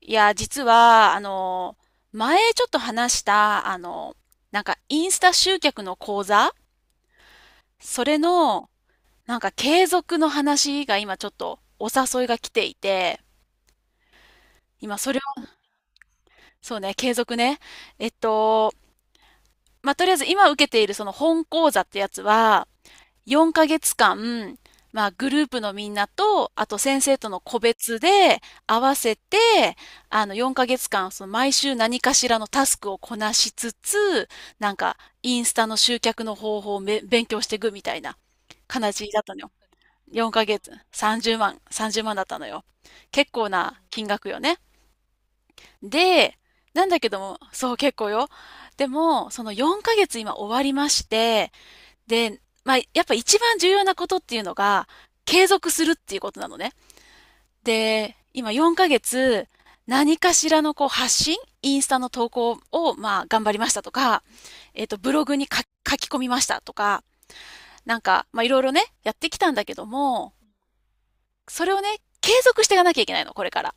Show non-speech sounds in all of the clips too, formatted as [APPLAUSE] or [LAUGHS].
いや、実は、前ちょっと話した、なんかインスタ集客の講座それの、なんか継続の話が今ちょっとお誘いが来ていて、今それを、そうね、継続ね。えっと、まあ、とりあえず今受けているその本講座ってやつは、4ヶ月間、まあグループのみんなと、あと先生との個別で合わせて、4ヶ月間、その毎週何かしらのタスクをこなしつつ、なんかインスタの集客の方法をめ勉強していくみたいな感じだったのよ。4ヶ月、30万、30万だったのよ。結構な金額よね。で、なんだけども、そう結構よ。でも、その4ヶ月今終わりまして、で、まあ、やっぱ一番重要なことっていうのが、継続するっていうことなのね。で、今4ヶ月、何かしらのこう発信、インスタの投稿を、まあ、頑張りましたとか、ブログに書き込みましたとか、なんか、まあ、いろいろね、やってきたんだけども、それをね、継続していかなきゃいけないの、これから。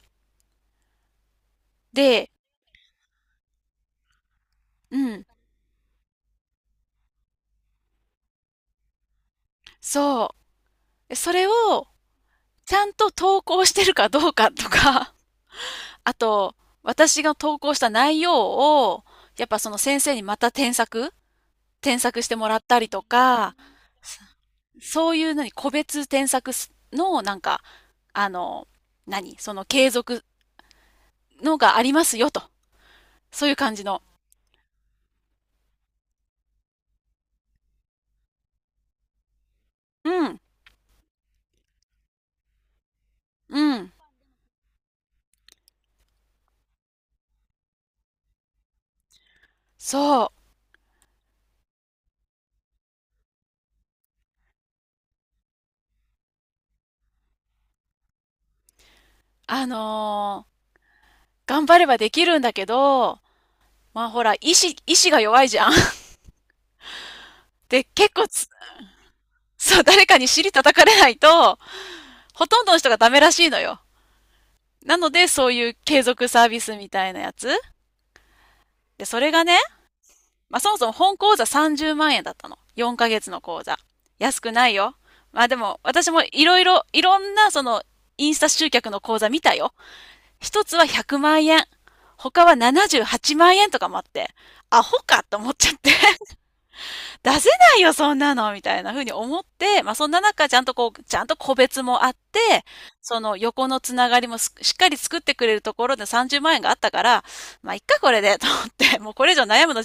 で、うん、そう。それを、ちゃんと投稿してるかどうかとか、あと、私が投稿した内容を、やっぱその先生にまた添削してもらったりとか、そういう何、個別添削のなんか、あの、何、その継続のがありますよと。そういう感じの。うん、うん、そう。あのー頑張ればできるんだけど、まあほら、意志が弱いじゃん。[LAUGHS] で、結構つそう、誰かに尻叩かれないと、ほとんどの人がダメらしいのよ。なので、そういう継続サービスみたいなやつ。で、それがね、まあ、そもそも本講座30万円だったの。4ヶ月の講座。安くないよ。まあでも、私もいろいろ、いろんなその、インスタ集客の講座見たよ。一つは100万円。他は78万円とかもあって、アホかと思っちゃって。出せないよ、そんなのみたいな風に思って、まあ、そんな中、ちゃんとこう、ちゃんと個別もあって、その横のつながりもしっかり作ってくれるところで30万円があったから、まあ、いっか、これで、と思って、[LAUGHS] もうこれ以上悩むの、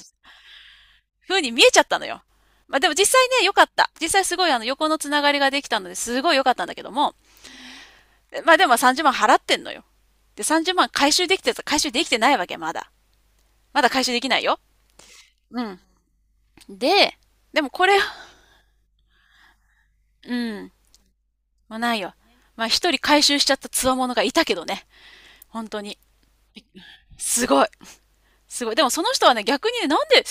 風に見えちゃったのよ。まあ、でも実際ね、良かった。実際すごい横のつながりができたので、すごい良かったんだけども、まあ、でも30万払ってんのよ。で、30万回収できてないわけ、まだ。まだ回収できないよ。うん。で、でもこれ、うん。まあないよ。まあ一人回収しちゃった強者がいたけどね。本当に。すごい。すごい。でもその人はね、逆にね、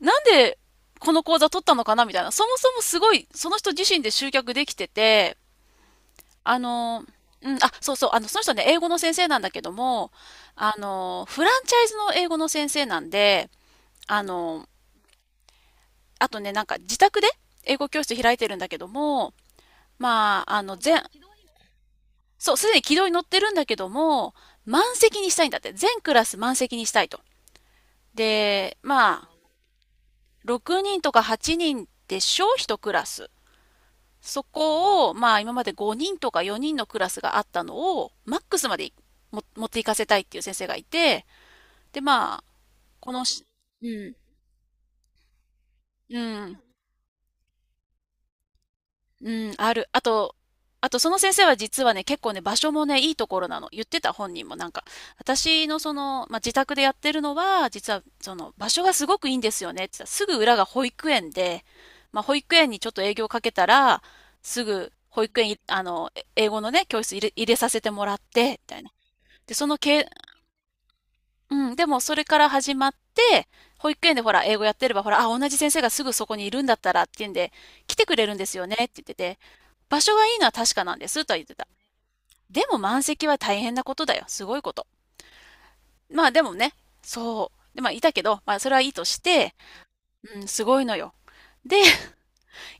なんでこの講座取ったのかなみたいな。そもそもすごい、その人自身で集客できてて、あの、うん、あ、そうそう、その人ね、英語の先生なんだけども、フランチャイズの英語の先生なんで、あの、あとね、なんか自宅で英語教室開いてるんだけども、まあ、そう、すでに軌道に乗ってるんだけども、満席にしたいんだって。全クラス満席にしたいと。で、まあ、6人とか8人でしょう、1クラス。そこを、まあ今まで5人とか4人のクラスがあったのを、マックスまでも持っていかせたいっていう先生がいて、で、まあ、このし、うん、うん、うん、ある。あと、あとその先生は実はね、結構ね、場所もね、いいところなの。言ってた本人もなんか、私のその、まあ、自宅でやってるのは、実はその場所がすごくいいんですよねって言ってた。すぐ裏が保育園で、まあ、保育園にちょっと営業かけたら、すぐ保育園い、え英語のね、教室入れ、入れさせてもらって、みたいな。で、そのけ、うん、でもそれから始まって、保育園でほら、英語やってれば、ほら、あ、同じ先生がすぐそこにいるんだったらっていうんで、来てくれるんですよねって言ってて、場所がいいのは確かなんですとは言ってた。でも満席は大変なことだよ。すごいこと。まあでもね、そう。で、まあいたけど、まあそれはいいとして、うん、すごいのよ。で、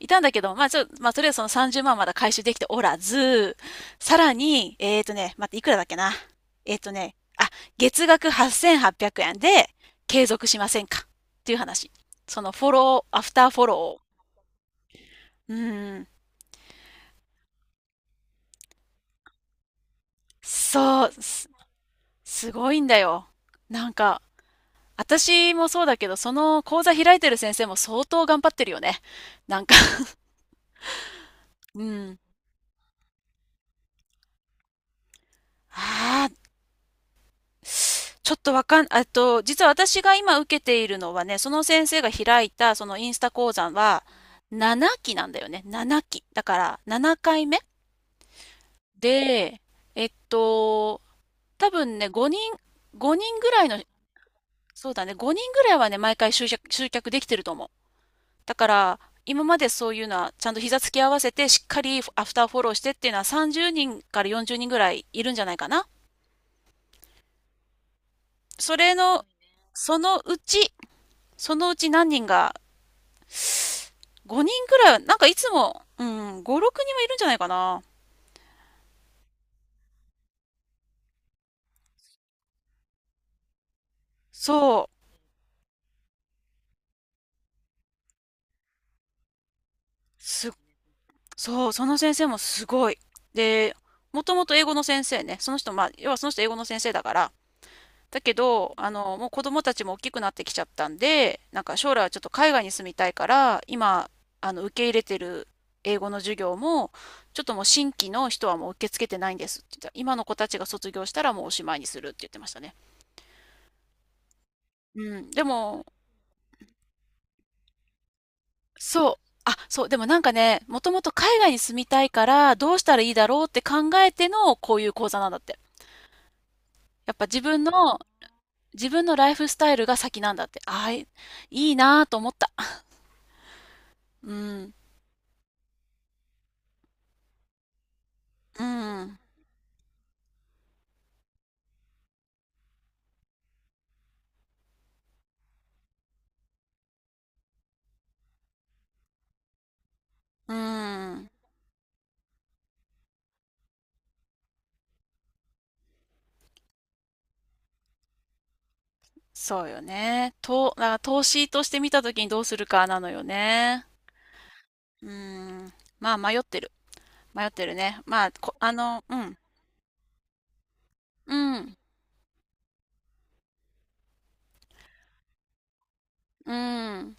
いたんだけど、まあ、ちょ、まあ、とりあえずその30万まんまだ回収できておらず、さらに、待って、いくらだっけな。えーとね、あ、月額8800円で継続しませんかっていう話。そのフォロー、アフターフォローを。うーん、そう、す、すごいんだよ。なんか、私もそうだけど、その講座開いてる先生も相当頑張ってるよね。なんか、うん。ああ、ちょっとわかん、実は私が今受けているのはね、その先生が開いたそのインスタ講座は7期なんだよね。7期。だから7回目で、えっと、多分ね、5人ぐらいの、そうだね、5人ぐらいはね、毎回集客できてると思う。だから、今までそういうのは、ちゃんと膝つき合わせて、しっかりアフターフォローしてっていうのは30人から40人ぐらいいるんじゃないかな。それの、そのうち、そのうち何人が5人くらいは、なんかいつも、うん、5、6人はいるんじゃないかな。そう。す、そう、その先生もすごい。で、もともと英語の先生ね。その人、まあ、要はその人英語の先生だから。だけど、もう子供たちも大きくなってきちゃったんで、なんか将来はちょっと海外に住みたいから、今、受け入れてる英語の授業も、ちょっともう新規の人はもう受け付けてないんですって言ってた。今の子たちが卒業したらもうおしまいにするって言ってましたね。うん。でも、そう。あ、そう。でもなんかね、もともと海外に住みたいから、どうしたらいいだろうって考えての、こういう講座なんだって。やっぱ自分のライフスタイルが先なんだって。ああ、いいいなぁと思った。うん。うん。うん。そうよね。と、だから投資として見たときにどうするかなのよね。うん。まあ、迷ってる。迷ってるね。まあ、こ、うん。うん。うん。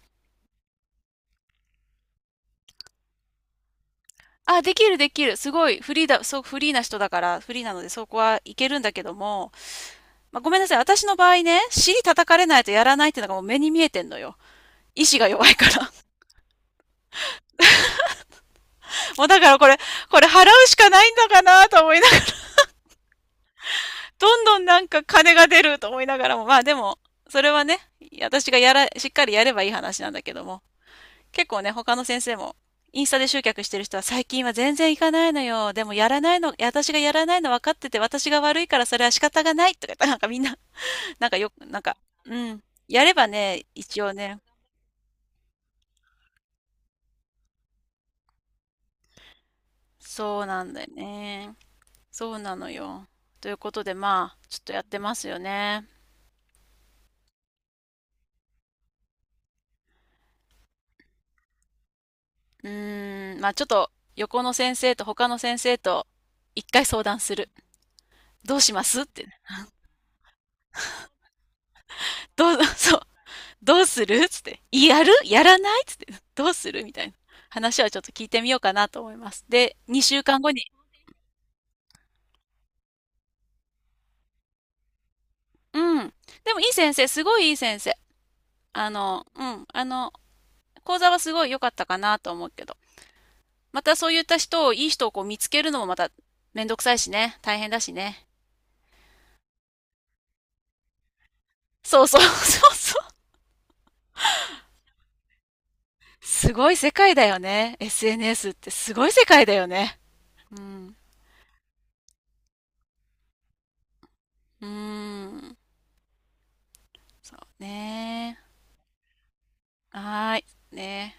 あ、できる。すごいフリーだ、そう、フリーな人だから、フリーなのでそこはいけるんだけども、まあ、ごめんなさい。私の場合ね、尻叩かれないとやらないっていうのがもう目に見えてんのよ。意志が弱いから。[LAUGHS] もうだからこれ、これ払うしかないんだかなと思いながら、[LAUGHS] どんどんなんか金が出ると思いながらも、まあでも、それはね、私がやら、しっかりやればいい話なんだけども。結構ね、他の先生も、インスタで集客してる人は最近は全然行かないのよ。でもやらないの、私がやらないの分かってて、私が悪いからそれは仕方がないとか言ったらなんかみんな、[LAUGHS] なんかよく、なんか、うん。やればね、一応ね、そうなんだよね。そうなのよ。ということで、まあ、ちょっとやってますよね。うーん、まあちょっと、横の先生と他の先生と、一回相談する。どうしますって。どう、[LAUGHS] そう。どうするつって。やるやらないどうするみたいな話はちょっと聞いてみようかなと思います。で、2週間後に。うん。でもいい先生、すごいいい先生。うん。講座はすごい良かったかなと思うけど。またそういった人を、いい人をこう見つけるのもまためんどくさいしね。大変だしね。そうそう [LAUGHS] そうそう。すごい世界だよね。SNS ってすごい世界だよね。うん。うーん。そうね。はーい。ね。